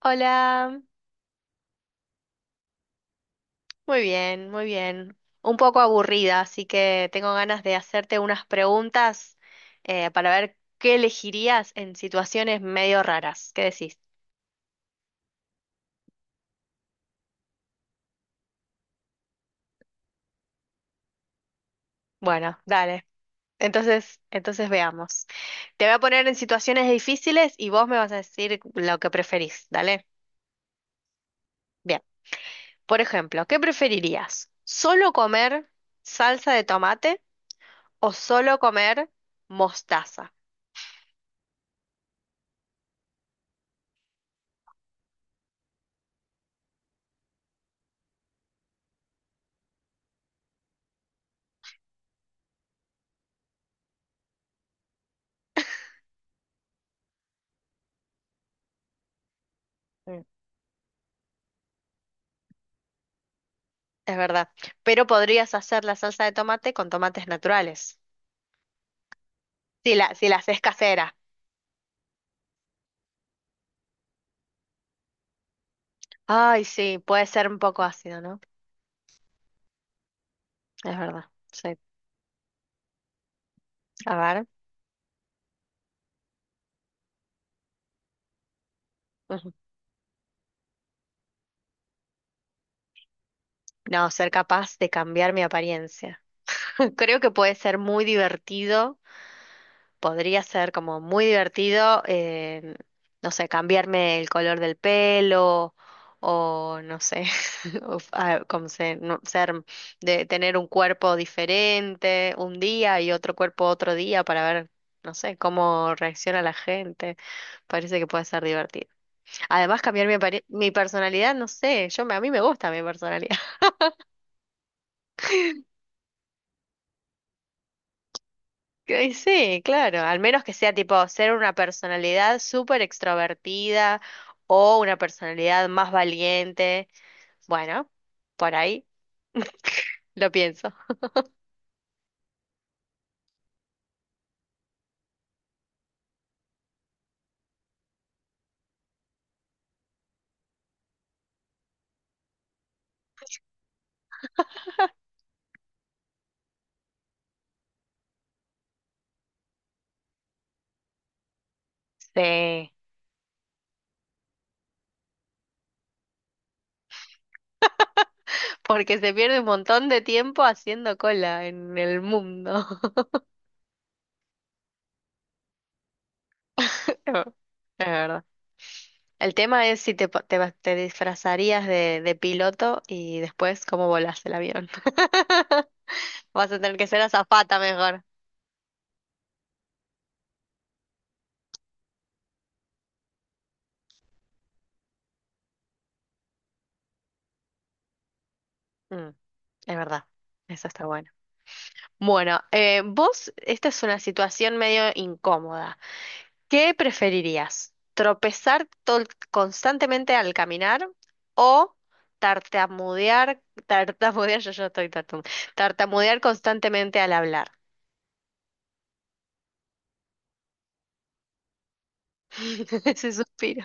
Hola, muy bien, muy bien. Un poco aburrida, así que tengo ganas de hacerte unas preguntas para ver qué elegirías en situaciones medio raras. ¿Qué decís? Bueno, dale. Entonces veamos. Te voy a poner en situaciones difíciles y vos me vas a decir lo que preferís, ¿dale? Bien. Por ejemplo, ¿qué preferirías? ¿Solo comer salsa de tomate o solo comer mostaza? Es verdad. Pero podrías hacer la salsa de tomate con tomates naturales. Si la haces casera. Ay, sí, puede ser un poco ácido, ¿no? Es verdad. Sí. A ver. Ujú. No, ser capaz de cambiar mi apariencia. Creo que puede ser muy divertido, podría ser como muy divertido, no sé, cambiarme el color del pelo o no sé, o f- ah, como se- no- ser de tener un cuerpo diferente un día y otro cuerpo otro día para ver, no sé, cómo reacciona la gente. Parece que puede ser divertido. Además, cambiar mi personalidad, no sé, a mí me gusta mi personalidad. Que sí, claro, al menos que sea tipo ser una personalidad súper extrovertida o una personalidad más valiente. Bueno, por ahí lo pienso. Sí, porque se pierde un montón de tiempo haciendo cola en el mundo. Es verdad. El tema es si te, po- te, va- te disfrazarías de piloto y después cómo volás el avión. Vas a tener que ser azafata mejor. Mm, es verdad, eso está bueno. Bueno, vos, esta es una situación medio incómoda. ¿Qué preferirías? ¿Tropezar constantemente al caminar o tartamudear, tartamudear, yo ya estoy tartamudeando, tartamudear constantemente al hablar? Ese suspiro.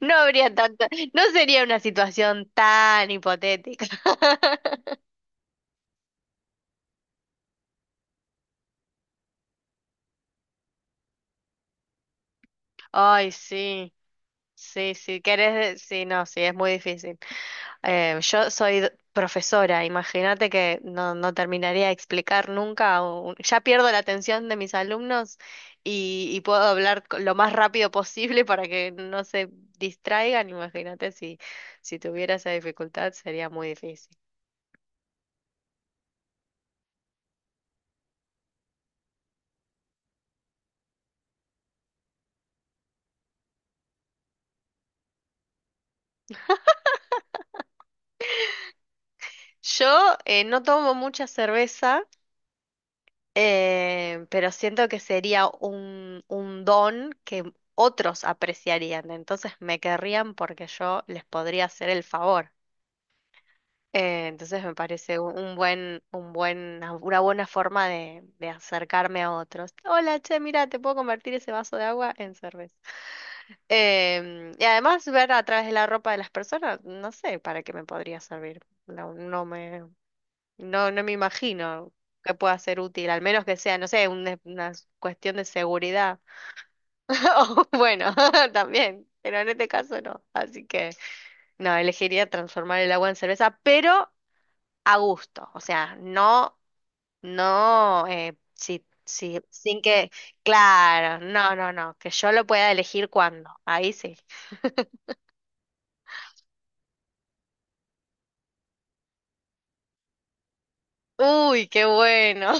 No habría tanta, no sería una situación tan hipotética. Ay, sí, sí, sí, querés, sí, no, sí, es muy difícil. Yo soy profesora, imagínate que no, no terminaría de explicar nunca, ya pierdo la atención de mis alumnos y puedo hablar lo más rápido posible para que no se distraigan, imagínate si tuviera esa dificultad sería muy difícil. Yo no tomo mucha cerveza, pero siento que sería un don que otros apreciarían, entonces me querrían porque yo les podría hacer el favor. Entonces me parece una buena forma de acercarme a otros. Hola, che, mira, te puedo convertir ese vaso de agua en cerveza. Em, y además ver a través de la ropa de las personas, no sé para qué me podría servir. No, no me, no, no me imagino que pueda ser útil, al menos que sea, no sé, una cuestión de seguridad. O bueno, también, pero en este caso no. Así que no, elegiría transformar el agua en cerveza, pero a gusto, o sea, no, sin que, claro, no, no, no, que yo lo pueda elegir cuándo, ahí sí. Uy, qué bueno,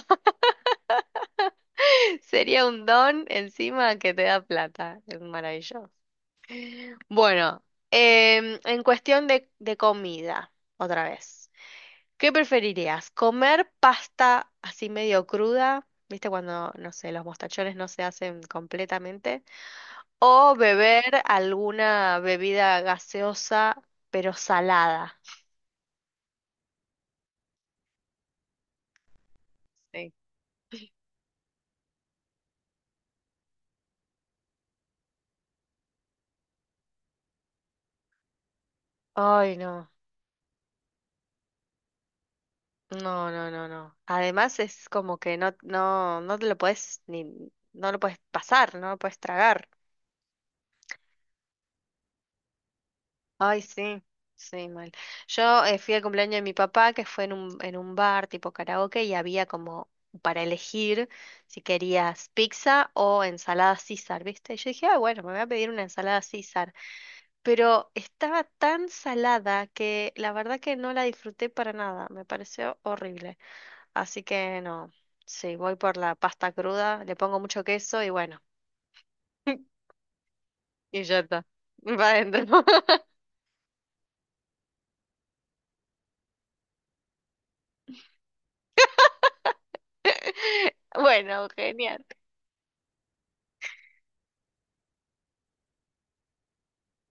sería un don encima que te da plata, es maravilloso. Bueno, em, en cuestión de comida, otra vez, ¿qué preferirías? ¿Comer pasta así medio cruda? ¿Viste cuando, no sé, los mostachones no se hacen completamente? O beber alguna bebida gaseosa, pero salada. Sí. Ay, no. No, no, no, no. Además es como que no te lo puedes ni, no lo puedes pasar, no lo puedes tragar. Ay, sí, sí, mal. Yo fui al cumpleaños de mi papá, que fue en un bar tipo karaoke, y había como para elegir si querías pizza o ensalada César, ¿viste? Y yo dije, ah, bueno, me voy a pedir una ensalada César, pero estaba tan salada que la verdad que no la disfruté para nada, me pareció horrible. Así que no, sí, voy por la pasta cruda, le pongo mucho queso y bueno, y ya está, va adentro. Bueno, genial.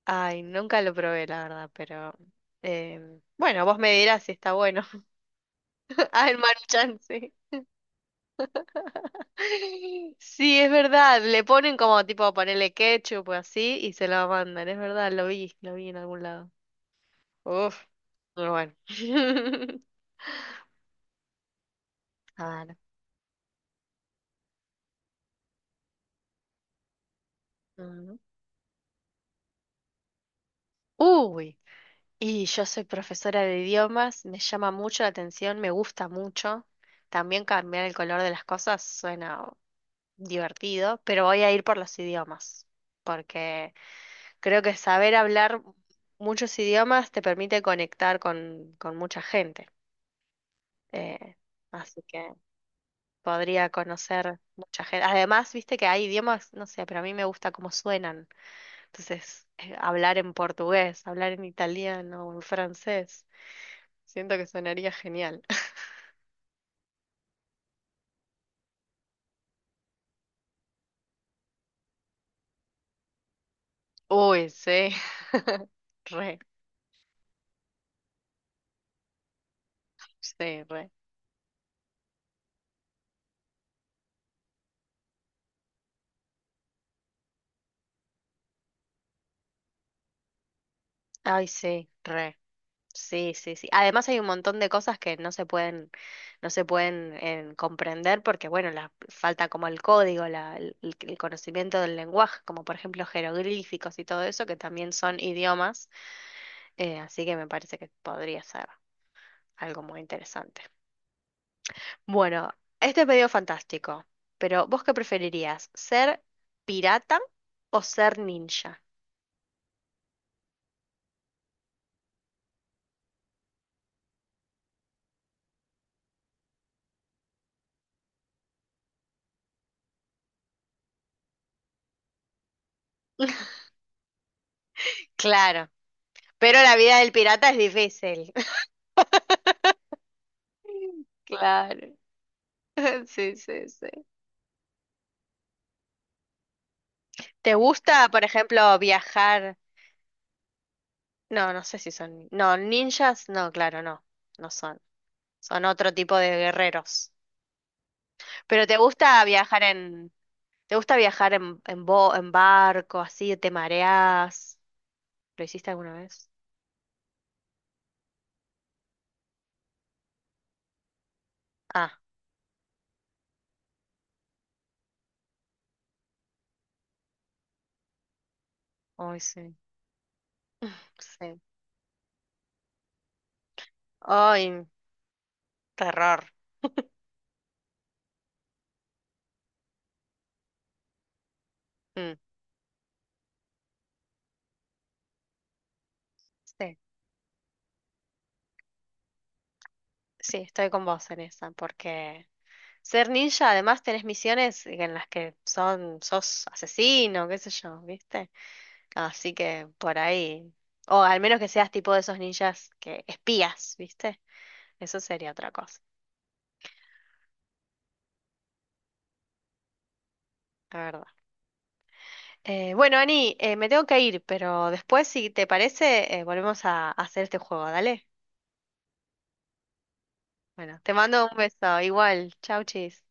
Ay, nunca lo probé, la verdad, pero bueno, vos me dirás si está bueno. Ah, el Maruchan, sí. Sí, es verdad. Le ponen como tipo ponerle ketchup o así y se lo mandan. Es verdad, lo vi en algún lado. Uf, muy bueno. A ver. Mm. Uy, y yo soy profesora de idiomas, me llama mucho la atención, me gusta mucho. También cambiar el color de las cosas suena divertido, pero voy a ir por los idiomas, porque creo que saber hablar muchos idiomas te permite conectar con mucha gente. Eh, así que podría conocer mucha gente. Además, viste que hay idiomas, no sé, pero a mí me gusta cómo suenan. Entonces, hablar en portugués, hablar en italiano o en francés, siento que sonaría genial. Uy, sí. Re, sí, re. Ay, sí, re. Sí, sí, sí. Además hay un montón de cosas que no se pueden comprender porque, bueno, falta como el código, el conocimiento del lenguaje, como por ejemplo jeroglíficos y todo eso, que también son idiomas, así que me parece que podría ser algo muy interesante. Bueno, este pedido fantástico, pero ¿vos qué preferirías? ¿Ser pirata o ser ninja? Claro, pero la vida del pirata es difícil. Claro. Sí, sí, sí. ¿Te gusta, por ejemplo, viajar? No, no sé si son... No, ninjas, no, claro, no, no son. Son otro tipo de guerreros. Pero ¿te gusta viajar en... ¿Te gusta viajar en barco, así, te mareás? ¿Lo hiciste alguna vez? Ah, hoy sí, sí. Ay, terror. Mm, sí, sí, estoy con vos en esa, porque ser ninja, además tenés misiones en las que son, sos asesino, qué sé yo, ¿viste? Así que por ahí. O al menos que seas tipo de esos ninjas que espías, ¿viste? Eso sería otra cosa, la verdad. Bueno, Ani, me tengo que ir, pero después, si te parece, volvemos a hacer este juego, ¿dale? Bueno, te mando un beso. Igual. Chau, chis.